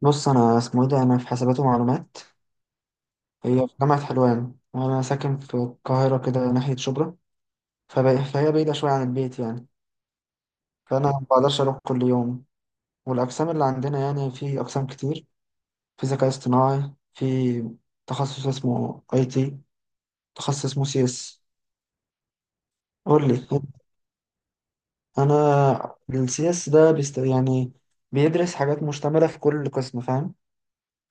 بص، انا اسمه ايه ده، انا في حسابات ومعلومات. هي في جامعة حلوان وانا ساكن في القاهرة كده ناحية شبرا. فهي بعيدة شوية عن البيت يعني. فانا ما بقدرش اروح كل يوم. والاقسام اللي عندنا يعني في اقسام كتير، في ذكاء اصطناعي، في تخصص اسمه اي تي، تخصص اسمه سي اس. قول لي. انا السي اس ده بيست يعني، بيدرس حاجات مشتملة في كل قسم، فاهم؟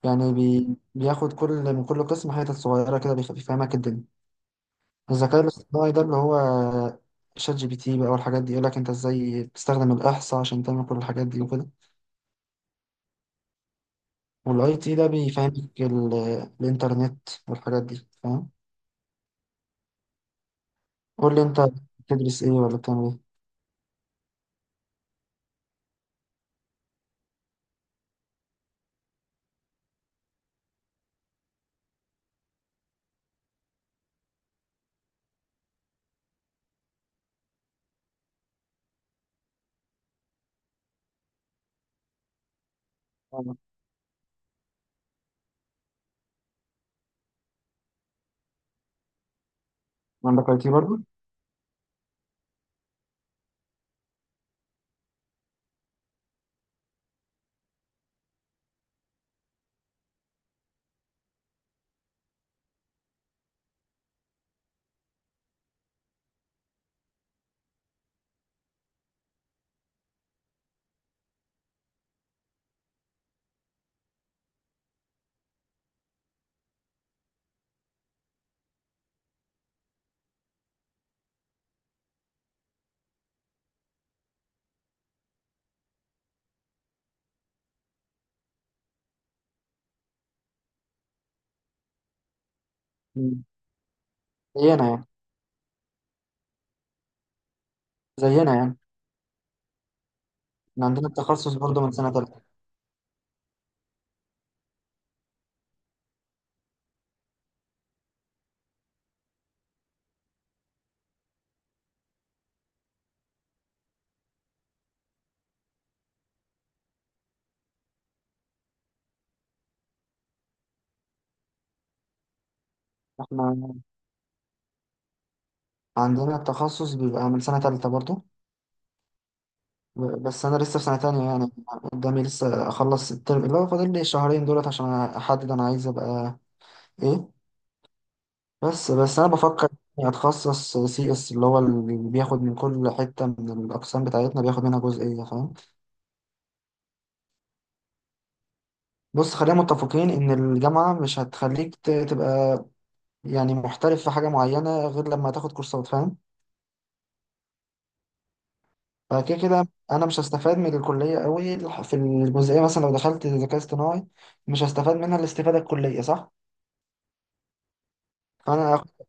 يعني بياخد كل من كل قسم حتت صغيرة كده، بيفهمك الدنيا. الذكاء الاصطناعي ده اللي هو شات جي بي تي بقى والحاجات دي، يقولك انت ازاي بتستخدم الاحصاء عشان تعمل كل الحاجات دي وكده. والاي تي ده بيفهمك الانترنت والحاجات دي، فاهم؟ قول لي انت، بتدرس ايه ولا بتعمل ايه؟ آه، عندك اي تي برضه. مم. زينا يعني. زينا يعني. احنا عندنا التخصص برضه من سنة تالتة. احنا عندنا التخصص بيبقى من سنة تالتة برضه. بس انا لسه في سنة تانية يعني، قدامي لسه اخلص الترم اللي هو فاضل لي الشهرين دولت عشان احدد انا عايز ابقى ايه. بس انا بفكر إني اتخصص سي اس، اللي هو اللي بياخد من كل حته من الاقسام بتاعتنا، بياخد منها جزئيه، فاهم؟ بص، خلينا متفقين ان الجامعه مش هتخليك تبقى يعني محترف في حاجه معينه غير لما تاخد كورسات، فاهم؟ فكده كده انا مش هستفاد من الكليه قوي، في الجزئيه، مثلا لو دخلت ذكاء اصطناعي مش هستفاد منها الاستفاده الكليه، صح؟ فانا هاخد-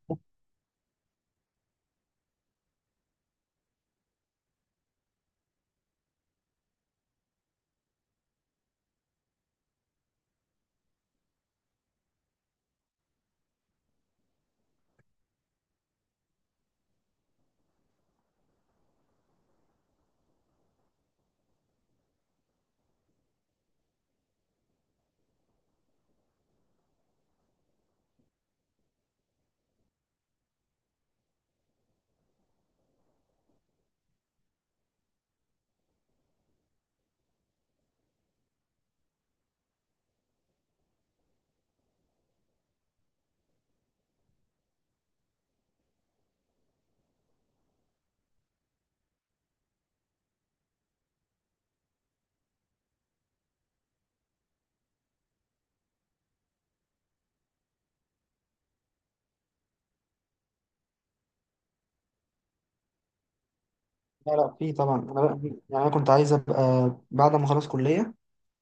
لا في طبعا. يعني انا كنت عايز ابقى بعد ما اخلص كليه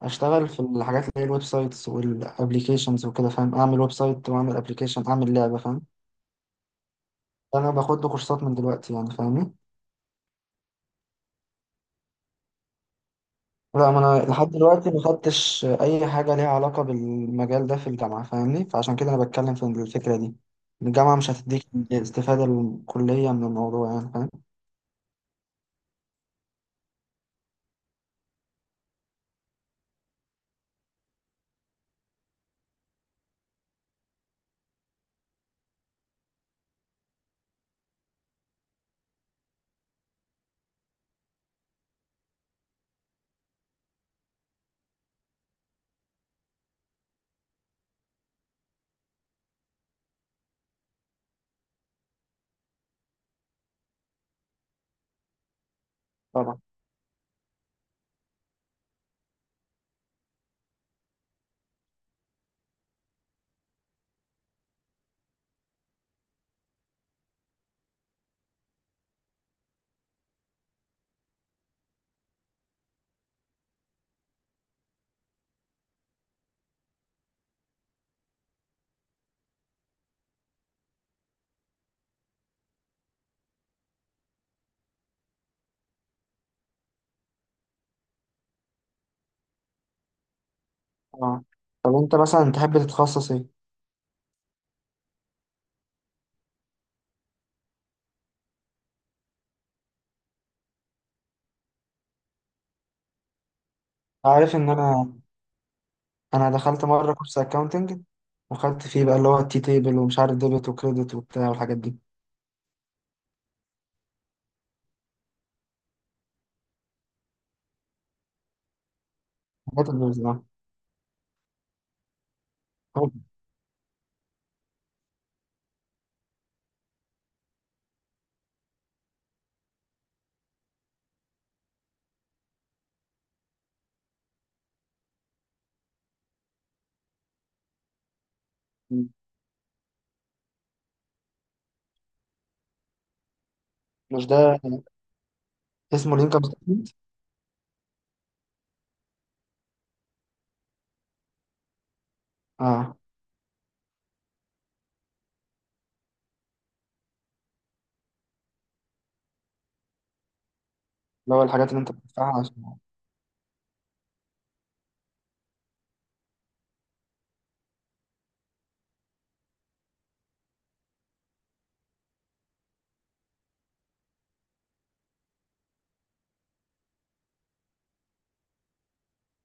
اشتغل في الحاجات اللي هي الويب سايتس والابليكيشنز وكده، فاهم؟ اعمل ويب سايت واعمل ابليكيشن، اعمل لعبه، فاهم؟ انا باخد له كورسات من دلوقتي يعني، فاهمني؟ لا، ما انا لحد دلوقتي ما خدتش اي حاجه ليها علاقه بالمجال ده في الجامعه، فاهمني؟ فعشان كده انا بتكلم في الفكره دي. الجامعه مش هتديك استفاده الكليه من الموضوع يعني، فاهم؟ طبعا. اه. طب انت مثلا تحب تتخصص ايه؟ عارف ان انا دخلت مره كورس اكاونتنج وخدت فيه بقى اللي هو التي تيبل ومش عارف ديبت وكريدت وبتاع والحاجات دي، حاجات البيزنس. هو- مش ده اسمه الانكم ستيتمنت؟ اه. اللي هو الحاجات اللي انت بتدفعها عشان.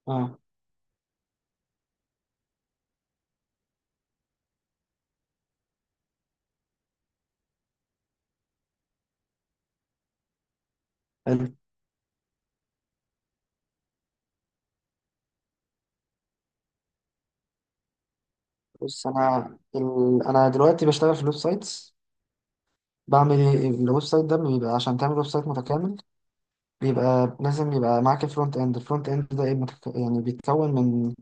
اه. حلو. بص، انا دلوقتي بشتغل في الويب سايتس. بعمل ايه؟ الويب سايت ده بيبقى، عشان تعمل ويب سايت متكامل، بيبقى لازم يبقى معاك الفرونت اند. الفرونت اند ده ايه؟ يعني بيتكون من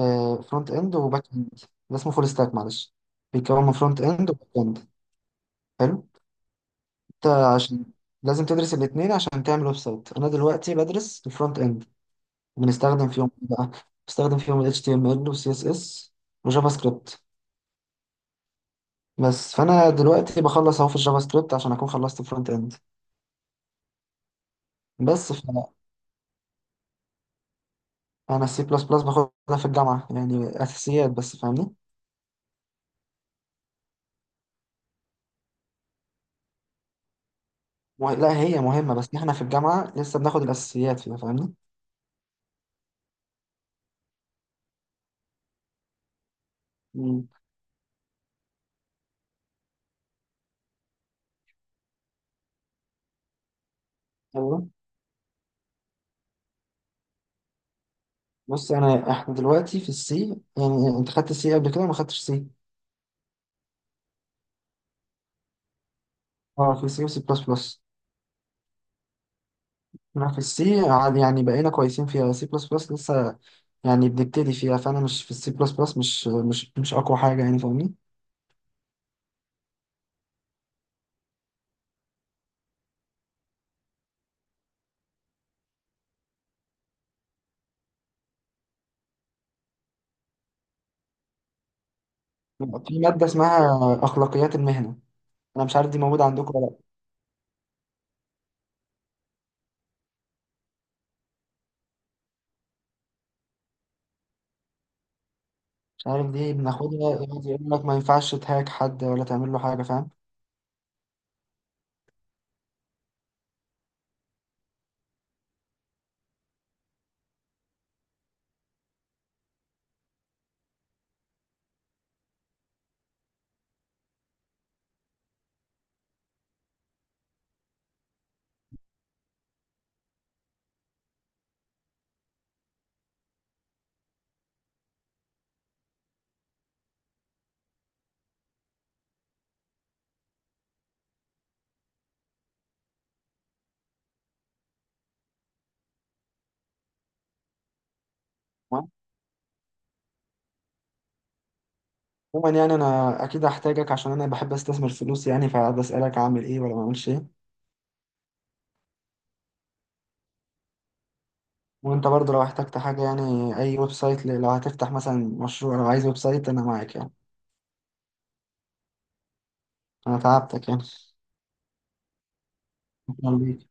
آه فرونت اند وباك اند. ده اسمه فول ستاك، معلش. بيتكون من فرونت اند وباك اند. حلو. انت عشان لازم تدرس الاثنين عشان تعمل ويب سايت. انا دلوقتي بدرس الفرونت اند. بنستخدم فيهم إيه بقى؟ بنستخدم فيهم ال HTML وال CSS وجافا سكريبت. بس فانا دلوقتي بخلص اهو في الجافا سكريبت عشان اكون خلصت فرونت اند. بس فانا. السي بلس بلس باخدها في الجامعه، يعني اساسيات بس، فاهمني؟ لا، هي مهمه بس احنا في الجامعه لسه بناخد الاساسيات فيها، فاهمني؟ مم. ايوه. بص، انا احنا دلوقتي في السي. يعني انت خدت السي قبل كده ولا ما خدتش سي؟ اه، في سي وسي بلس بلس. انا في السي عاد، يعني بقينا كويسين فيها. سي بلس بلس لسه يعني بنبتدي فيها، فانا مش في السي بلس بلس مش اقوى حاجه يعني، فاهمني؟ في ماده اسمها اخلاقيات المهنه، انا مش عارف دي موجوده عندكم ولا لا. مش عارف، دي بناخدها، يقعد يقول لك ما ينفعش تهاك حد ولا تعمل له حاجه، فاهم؟ عموما يعني انا اكيد هحتاجك، عشان انا بحب استثمر فلوس يعني، فبسالك اعمل ايه ولا ما اعملش ايه. وانت برضه لو احتجت حاجه يعني، اي ويب سايت لو هتفتح مثلا مشروع، لو عايز ويب سايت انا معاك يعني. انا تعبتك يعني. شكرا ليك.